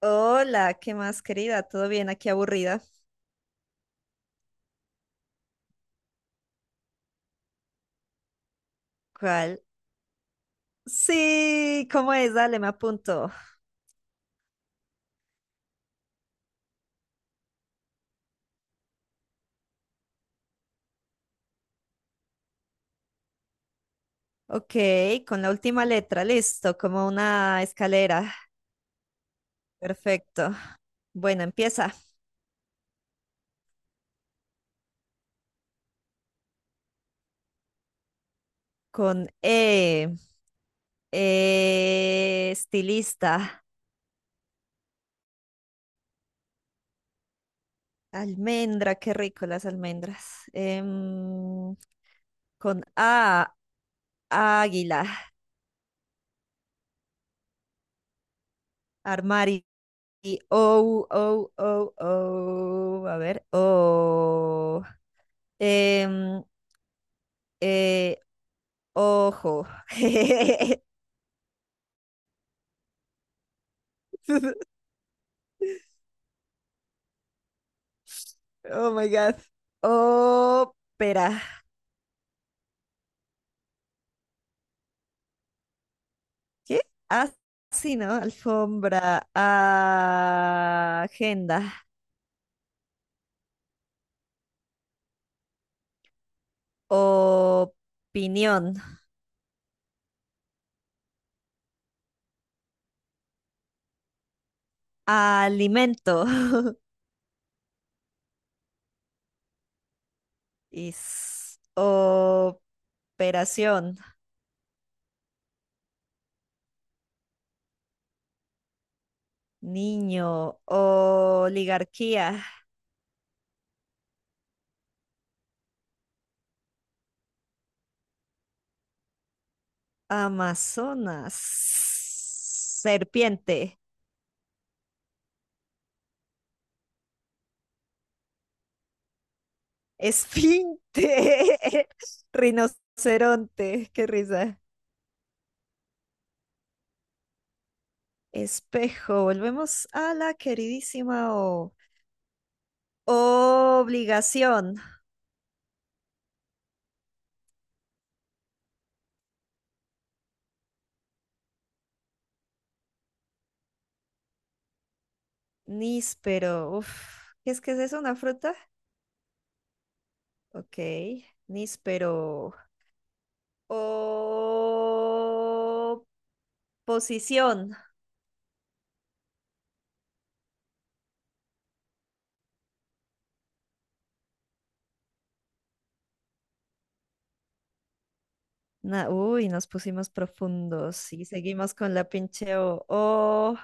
Hola, ¿qué más, querida? ¿Todo bien? Aquí aburrida. ¿Cuál? Sí, ¿cómo es? Dale, me apunto. Ok, con la última letra, listo, como una escalera. Perfecto. Bueno, empieza con E. E, estilista. Almendra, qué rico las almendras. Em, con A, águila. Armario. O. A ver, O. Em, eh, ojo. Oh my God. Ópera. ¿Qué? Ah, sí, ¿no? Alfombra. Ah, agenda. Opinión. Alimento. Is. Operación. Niño. Oligarquía. Amazonas. Serpiente. Esfinte, rinoceronte, qué risa. Espejo, volvemos a la queridísima O. Obligación, níspero, uf, ¿qué es eso? ¿Una fruta? Ok, níspero. O... Posición. Uy, nos pusimos profundos y seguimos con la pinche O.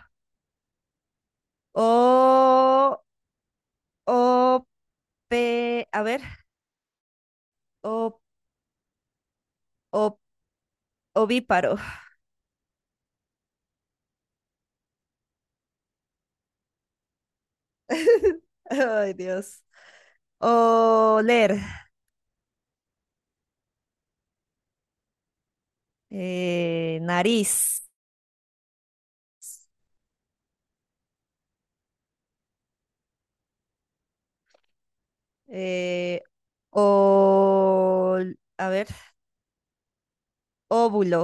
O, O, P, a ver, O, ovíparo. Ay, Dios. Oler. Nariz. eh, o, a ver, óvulo.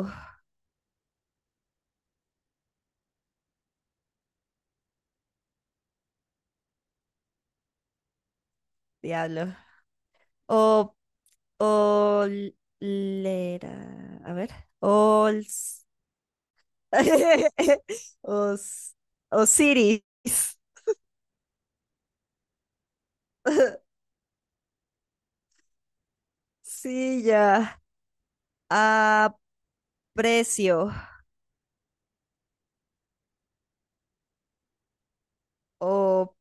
Diablo. O, olera. A ver. Ols. Os, Osiris. Silla. Aprecio. Otaku.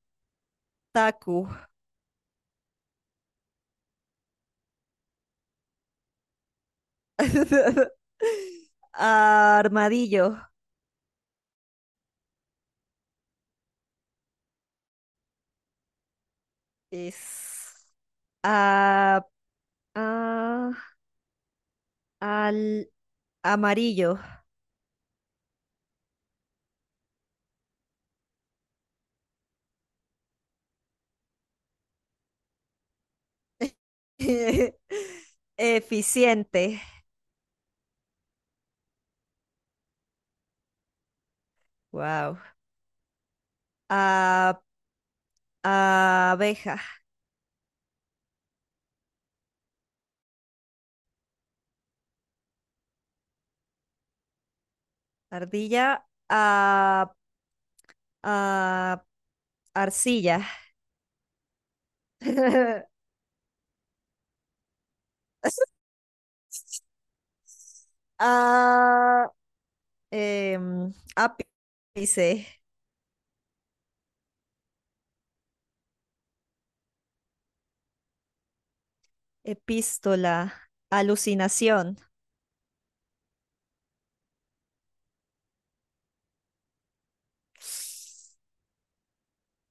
Armadillo es a- a- al amarillo. Eficiente. Wow. A- abeja. Ardilla. A, a- arcilla. A- ápice. Epístola. Alucinación.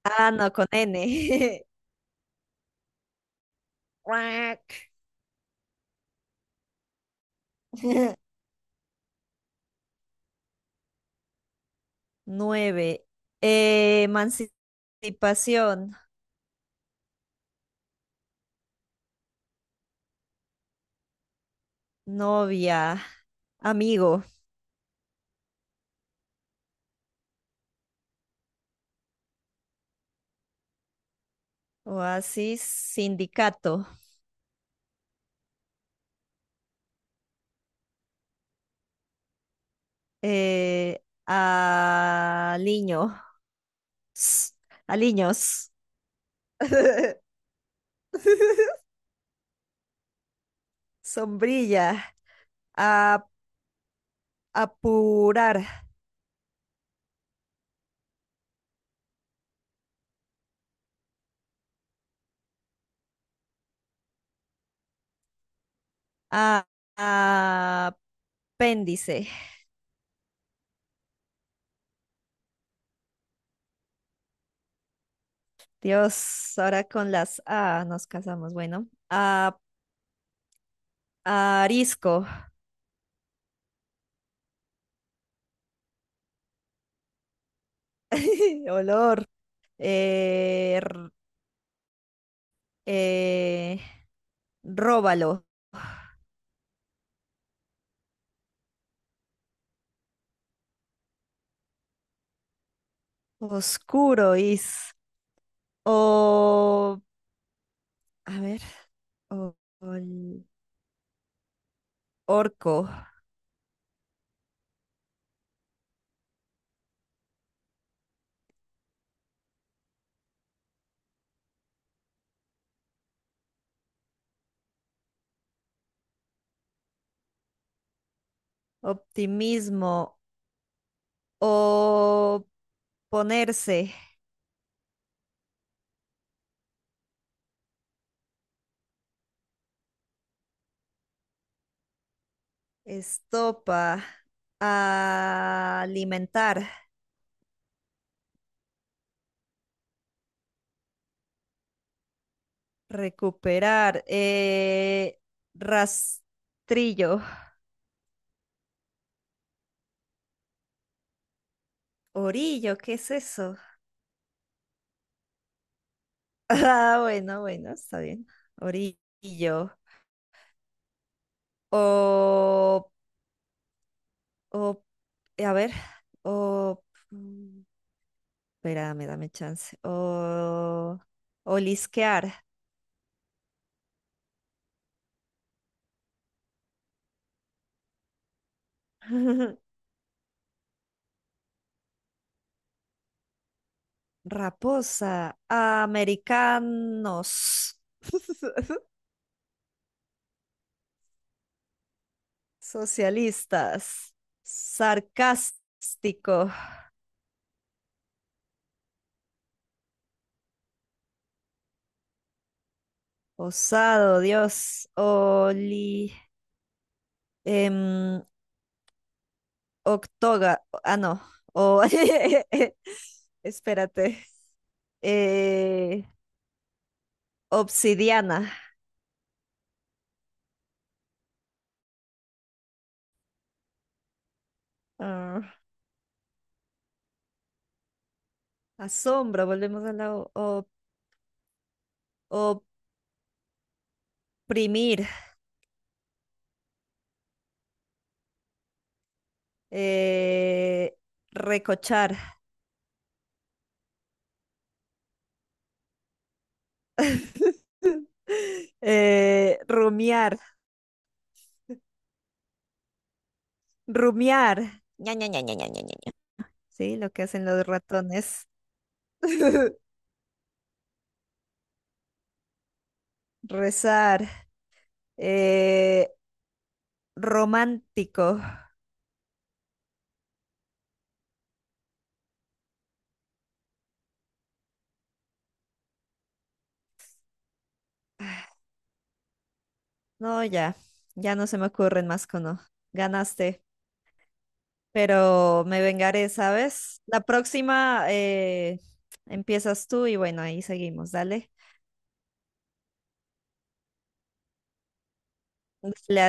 Ah, no, con N. Guac. Nueve. Emancipación, novia, amigo, oasis, sindicato, eh, aliño, s- aliños, sombrilla, a- apurar, a- apéndice, Dios, ahora con las A nos casamos. Bueno, a, arisco, olor, eh, r- eh, róbalo, oscuro, is, o, a ver, o- ol- orco, optimismo, o ponerse, estopa, alimentar. Recuperar. Rastrillo. Orillo, ¿qué es eso? Ah, bueno, bueno, está bien. Orillo. O, o, a ver, o, mm, espérame, dame chance. O, olisquear. Raposa. Americanos. Socialistas. Sarcástico. Osado, Dios. Oli. em, octoga. Ah, no. O, espérate. eh, obsidiana. Ah, asombro. Volvemos a la oprimir. eh, recochar. Rumiar. Rumiar. Sí, lo que hacen los ratones. Rezar. Eh, romántico. No, ya, ya no se me ocurren más cono. Ganaste, pero me vengaré, ¿sabes? La próxima empiezas tú y bueno, ahí seguimos, dale. Dale,